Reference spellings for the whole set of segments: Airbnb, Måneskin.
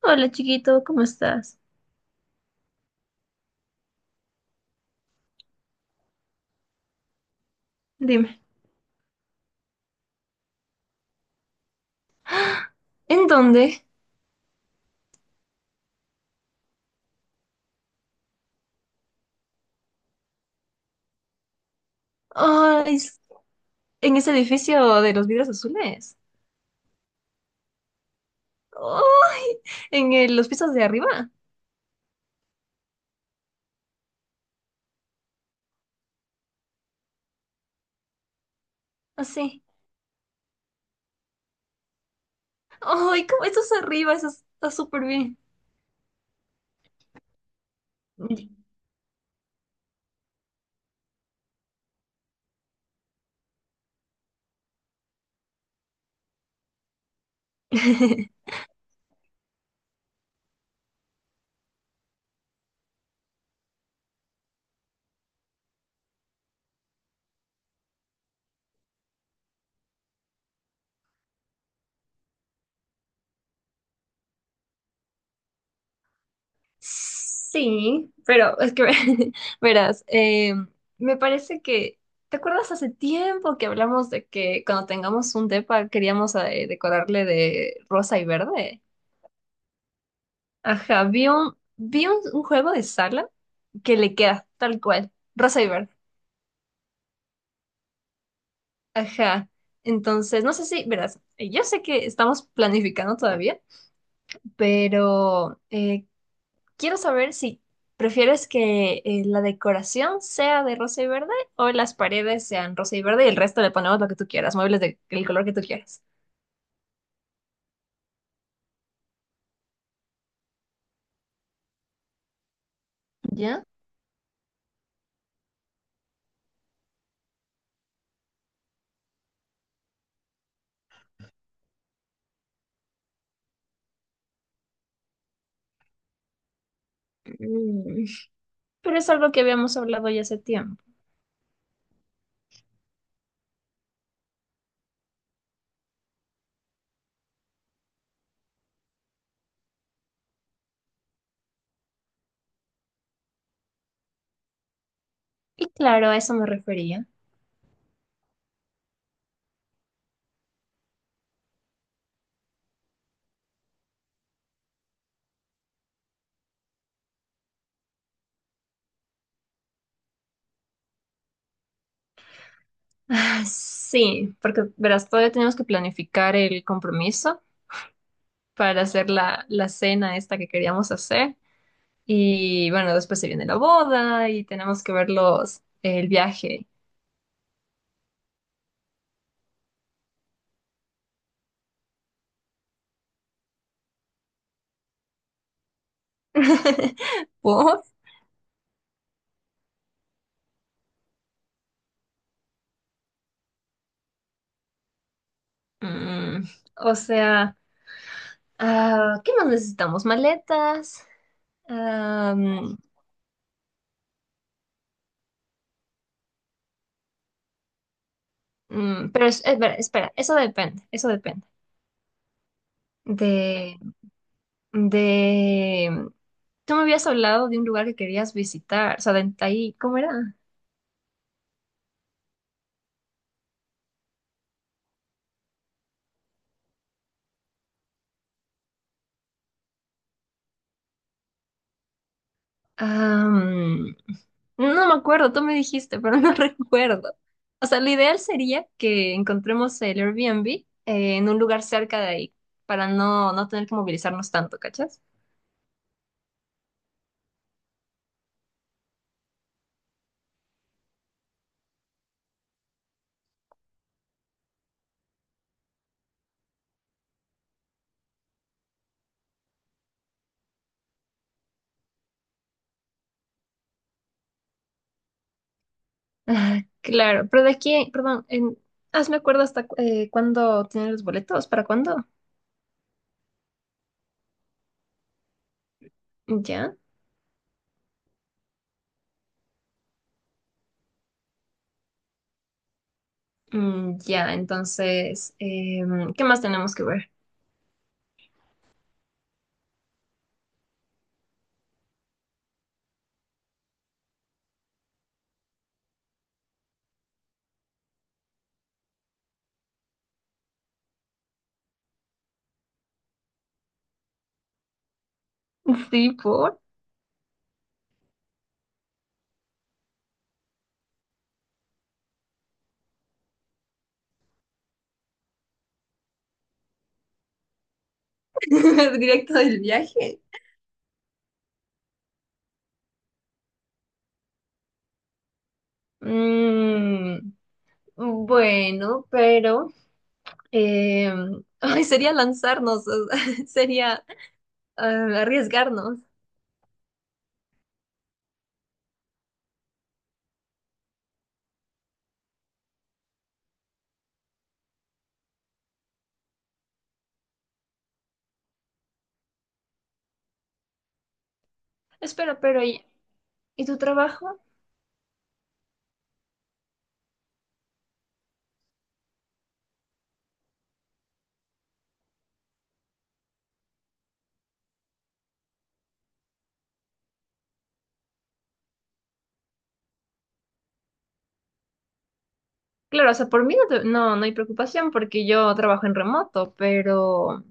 Hola chiquito, ¿cómo estás? Dime, ¿en dónde? Ay, en ese edificio de los vidrios azules. Ay, los pisos de arriba. Así. Ay, ¿cómo estás arriba? Eso está súper bien. Y- Sí, pero es que verás, me parece que ¿te acuerdas hace tiempo que hablamos de que cuando tengamos un depa queríamos decorarle de rosa y verde? Ajá, un juego de sala que le queda tal cual, rosa y verde. Ajá. Entonces, no sé si, verás, yo sé que estamos planificando todavía, pero quiero saber si prefieres que la decoración sea de rosa y verde o las paredes sean rosa y verde y el resto le ponemos lo que tú quieras, muebles del color que tú quieras. ¿Ya? Mm, pero es algo que habíamos hablado ya hace tiempo. Y claro, a eso me refería. Ah, sí, porque verás, todavía tenemos que planificar el compromiso para hacer la cena esta que queríamos hacer. Y bueno, después se viene la boda y tenemos que ver el viaje. ¿Por? Mm, o sea, ah, ¿qué más necesitamos? Maletas. Am, mm, mm, pero es ver, espera, eso depende de, de... Tú me habías hablado de un lugar que querías visitar, o sea, de ahí, ¿cómo era? Am, no me acuerdo, tú me dijiste, pero no recuerdo. O sea, lo ideal sería que encontremos el Airbnb en un lugar cerca de ahí, para no, no tener que movilizarnos tanto, ¿cachas? Ah, claro, pero de aquí, perdón, en, hazme acuerdo hasta cuándo tienen los boletos, ¿para cuándo? ¿Ya? Mm, ya, entonces, ¿qué más tenemos que ver? Sí, directo del viaje. Mm, bueno, pero eh, ay, sería lanzarnos, o sea, sería arriesgarnos. Espera, pero y tu trabajo? Claro, o sea, por mí no, no, no hay preocupación porque yo trabajo en remoto, pero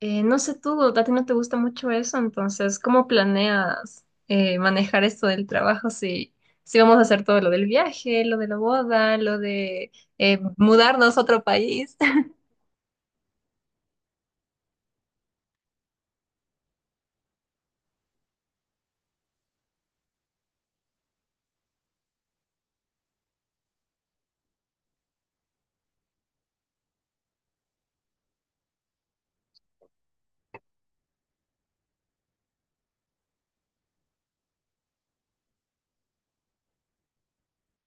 eh, no sé tú, a ti no te gusta mucho eso, entonces, ¿cómo planeas manejar esto del trabajo si, si vamos a hacer todo lo del viaje, lo de la boda, lo de mudarnos a otro país?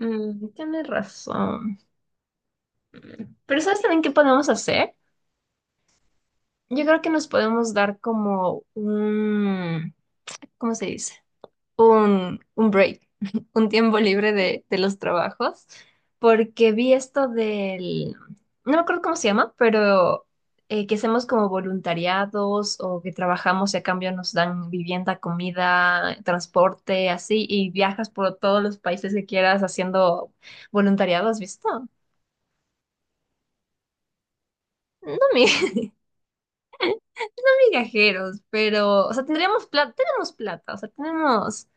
Mm, tienes razón. Pero ¿sabes también qué podemos hacer? Yo creo que nos podemos dar como ¿cómo se dice? Un break, un tiempo libre de los trabajos, porque vi esto no me acuerdo cómo se llama, pero que hacemos como voluntariados o que trabajamos y a cambio nos dan vivienda, comida, transporte, así, y viajas por todos los países que quieras haciendo voluntariados visto? No, mi. Viajeros, pero, o sea, tendríamos plata, tenemos plata, o sea, tenemos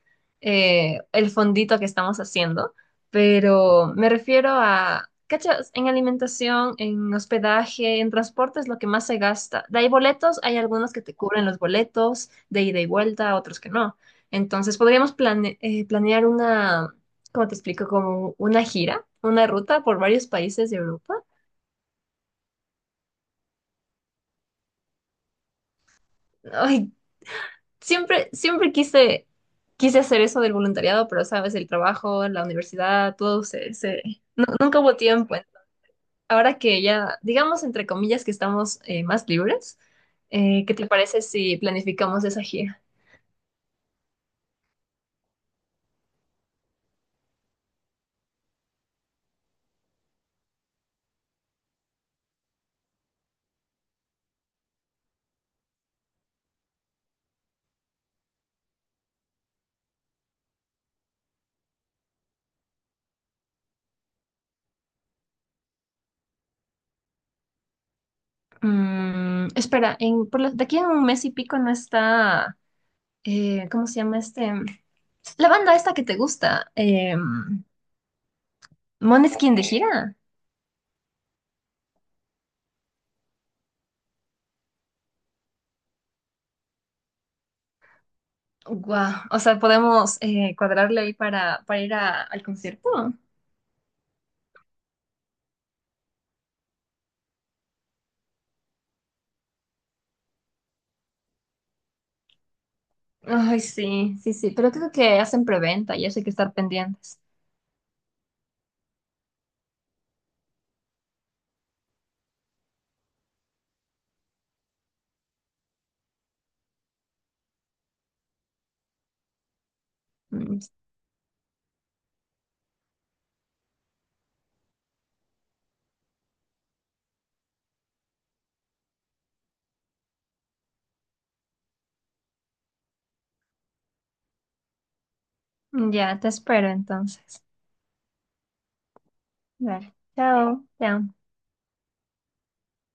el fondito que estamos haciendo, pero me refiero a, ¿cachas? En alimentación, en hospedaje, en transporte es lo que más se gasta. De ahí boletos, hay algunos que te cubren los boletos de ida y vuelta, otros que no. Entonces, podríamos planear una, ¿cómo te explico? Como una gira, una ruta por varios países de Europa. Ay, siempre quise, quise hacer eso del voluntariado, pero sabes, el trabajo, la universidad, todo se- Nunca hubo tiempo. Ahora que ya, digamos, entre comillas, que estamos más libres, ¿qué te parece si planificamos esa gira? Mm, espera, en, por lo- de aquí en un mes y pico no está, ¿cómo se llama este? La banda esta que te gusta, Måneskin de gira. Guau, o sea, podemos cuadrarle ahí para ir al concierto. Ay, sí, sí, sí, pero creo que hacen preventa y eso hay que estar pendientes. Mm, ya, te espero entonces. Dale, chao, chao.